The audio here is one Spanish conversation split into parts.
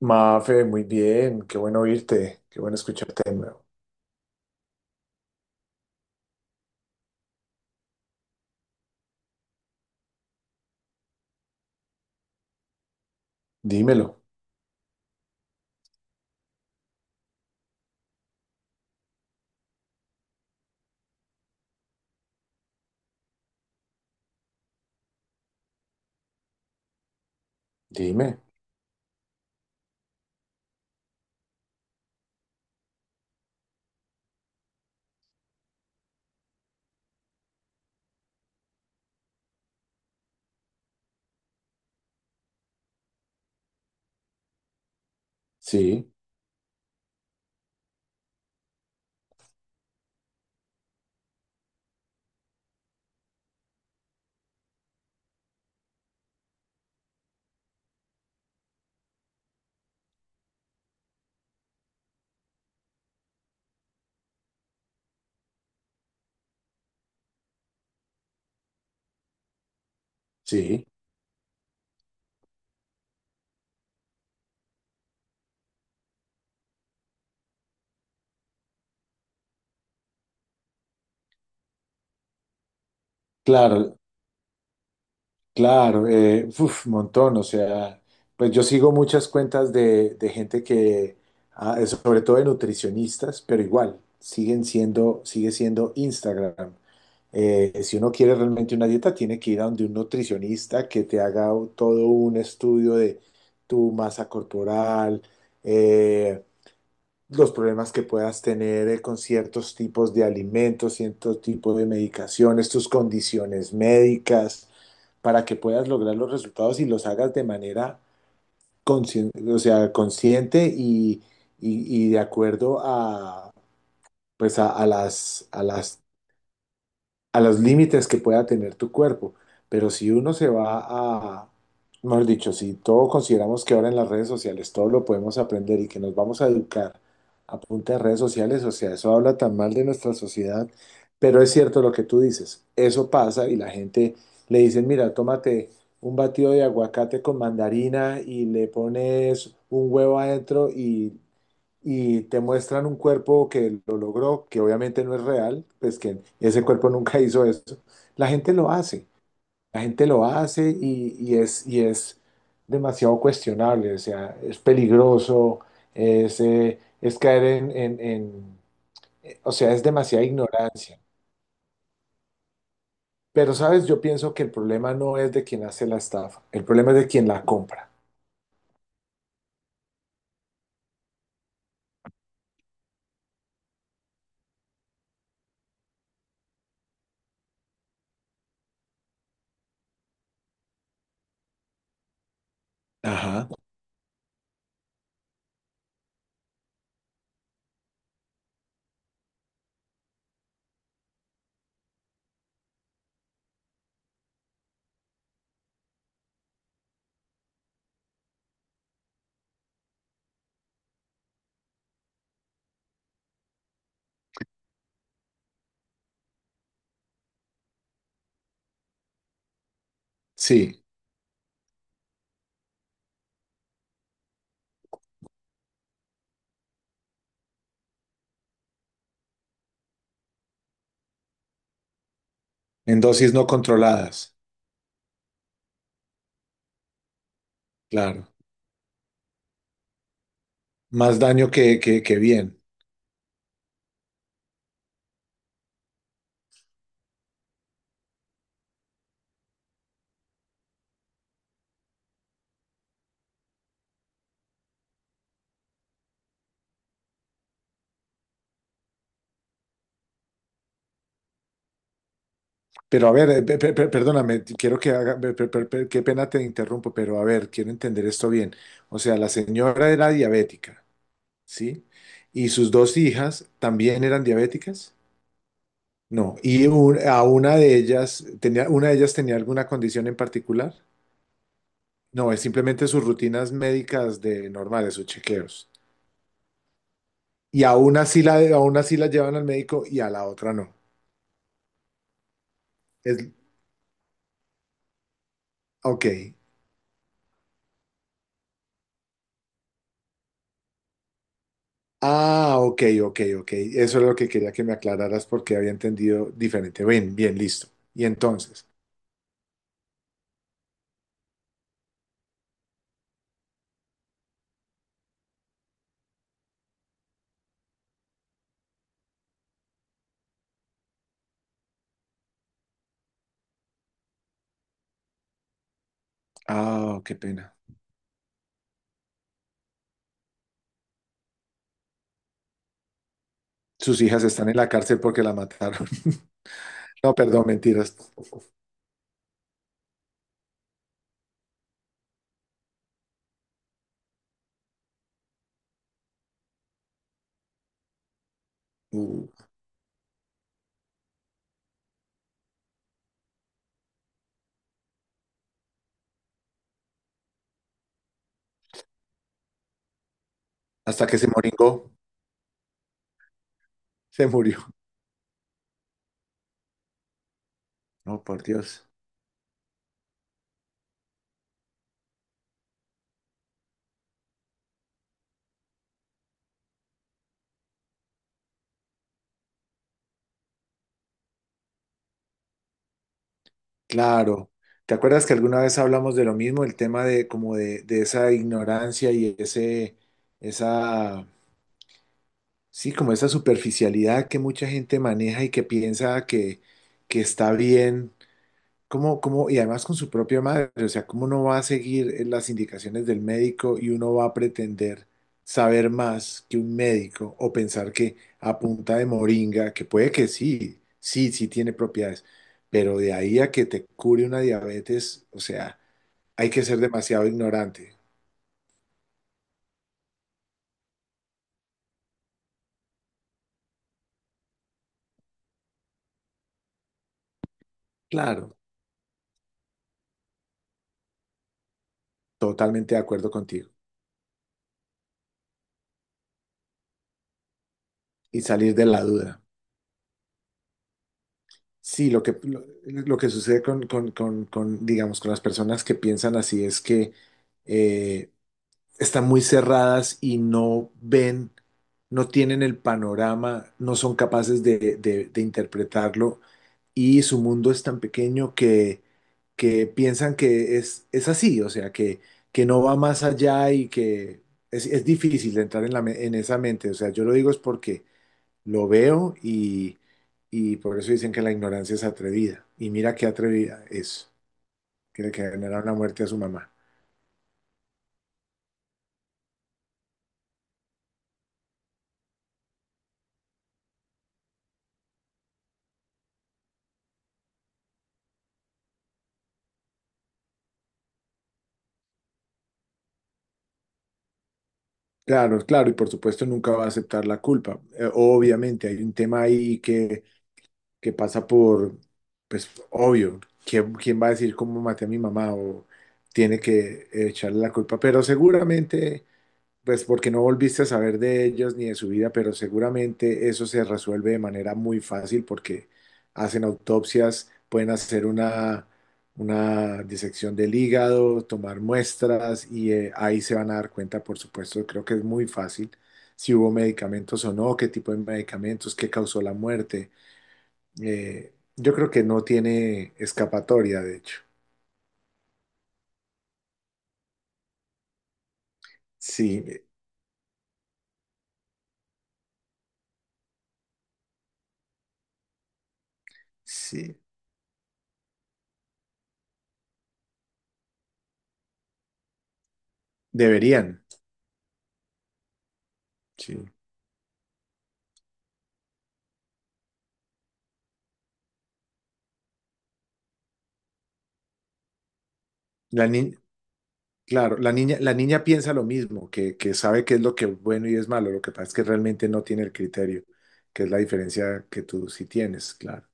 Mafe, muy bien, qué bueno oírte, qué bueno escucharte de nuevo. Dímelo, dime. Sí, sí, claro, claro, uf, montón, o sea, pues yo sigo muchas cuentas de gente que, sobre todo de nutricionistas, pero igual, sigue siendo Instagram. Si uno quiere realmente una dieta, tiene que ir a donde un nutricionista que te haga todo un estudio de tu masa corporal, eh, los problemas que puedas tener con ciertos tipos de alimentos, ciertos tipos de medicaciones, tus condiciones médicas, para que puedas lograr los resultados y los hagas de manera o sea, consciente y de acuerdo a, pues a las a los límites que pueda tener tu cuerpo. Pero si uno se va a, mejor dicho, si todo consideramos que ahora en las redes sociales todo lo podemos aprender y que nos vamos a educar a punta de redes sociales, o sea, eso habla tan mal de nuestra sociedad, pero es cierto lo que tú dices, eso pasa y la gente le dice, mira, tómate un batido de aguacate con mandarina y le pones un huevo adentro y te muestran un cuerpo que lo logró, que obviamente no es real, pues que ese cuerpo nunca hizo eso, la gente lo hace, la gente lo hace y es demasiado cuestionable, o sea, es peligroso, es caer en, o sea, es demasiada ignorancia. Pero, ¿sabes? Yo pienso que el problema no es de quien hace la estafa, el problema es de quien la compra. Ajá, sí, en dosis no controladas, claro. Más daño que bien. Pero a ver, perdóname, te- quiero que haga, pe- pe- pe- pe- qué pena te interrumpo, pero a ver, quiero entender esto bien. O sea, la señora era diabética, ¿sí? ¿Y sus dos hijas también eran diabéticas? No, y un- a una de ellas tenía, una de ellas tenía alguna condición en particular. No, es simplemente sus rutinas médicas de normales, sus chequeos. Y a una sí la llevan al médico y a la otra no. Es, ok. Ah, ok, ok, ok. Eso es lo que quería que me aclararas porque había entendido diferente. Bien, bien, listo. Y entonces, ah, qué pena. Sus hijas están en la cárcel porque la mataron. No, perdón, mentiras. Uh, hasta que se moringó, se murió. No, por Dios. Claro. ¿Te acuerdas que alguna vez hablamos de lo mismo, el tema de como de esa ignorancia y ese, esa, sí, como esa superficialidad que mucha gente maneja y que piensa que está bien? ¿Cómo, cómo, y además con su propia madre? O sea, ¿cómo uno va a seguir las indicaciones del médico y uno va a pretender saber más que un médico o pensar que a punta de moringa, que puede que sí tiene propiedades, pero de ahí a que te cure una diabetes, o sea, hay que ser demasiado ignorante. Claro, totalmente de acuerdo contigo y salir de la duda. Sí, lo que sucede con, digamos, con las personas que piensan así es que... eh, están muy cerradas y no ven, no tienen el panorama, no son capaces de, de interpretarlo y su mundo es tan pequeño que piensan que es así, o sea, que no va más allá y que es difícil entrar en, en esa mente. O sea, yo lo digo es porque lo veo y por eso dicen que la ignorancia es atrevida. Y mira qué atrevida es, que le genera una muerte a su mamá. Claro, claro, y por supuesto nunca va a aceptar la culpa. Obviamente hay un tema ahí que pasa por, pues obvio, ¿quién, quién va a decir cómo maté a mi mamá o tiene que echarle la culpa? Pero seguramente pues porque no volviste a saber de ellos ni de su vida, pero seguramente eso se resuelve de manera muy fácil porque hacen autopsias, pueden hacer una disección del hígado, tomar muestras y ahí se van a dar cuenta, por supuesto, creo que es muy fácil si hubo medicamentos o no, qué tipo de medicamentos, qué causó la muerte. Yo creo que no tiene escapatoria, de hecho. Sí, sí, deberían. Sí. La ni- Claro, la niña piensa lo mismo, que sabe qué es lo que es bueno y es malo, lo que pasa es que realmente no tiene el criterio, que es la diferencia que tú sí tienes, claro,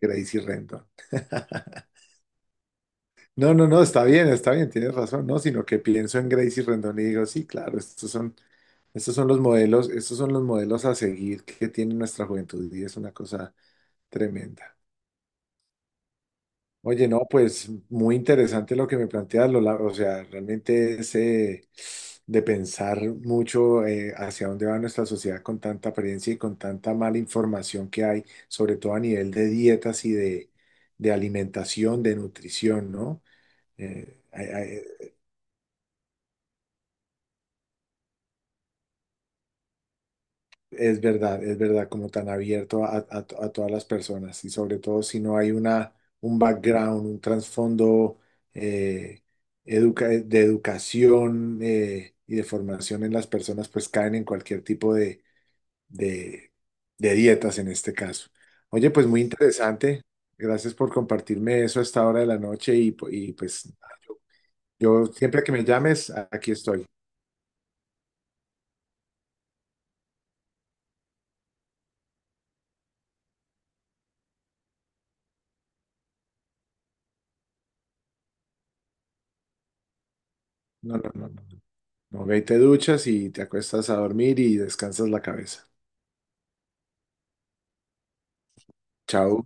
Gracie Rendon. No, no, no, está bien, tienes razón, no, sino que pienso en Gracie Rendon y digo, sí, claro, estos son los modelos, estos son los modelos a seguir que tiene nuestra juventud y es una cosa tremenda. Oye, no, pues muy interesante lo que me planteas, Lola. O sea, realmente es de pensar mucho hacia dónde va nuestra sociedad con tanta apariencia y con tanta mala información que hay, sobre todo a nivel de dietas y de alimentación, de nutrición, ¿no? Eh, hay- hay- es verdad, como tan abierto a, a todas las personas y sobre todo si no hay una, un background, un trasfondo eh, de educación y de formación en las personas, pues caen en cualquier tipo de, de dietas en este caso. Oye, pues muy interesante. Gracias por compartirme eso a esta hora de la noche y, y pues yo, yo siempre que me llames, aquí estoy. No, no, no. No. Ok, te duchas y te acuestas a dormir y descansas la cabeza. Chao.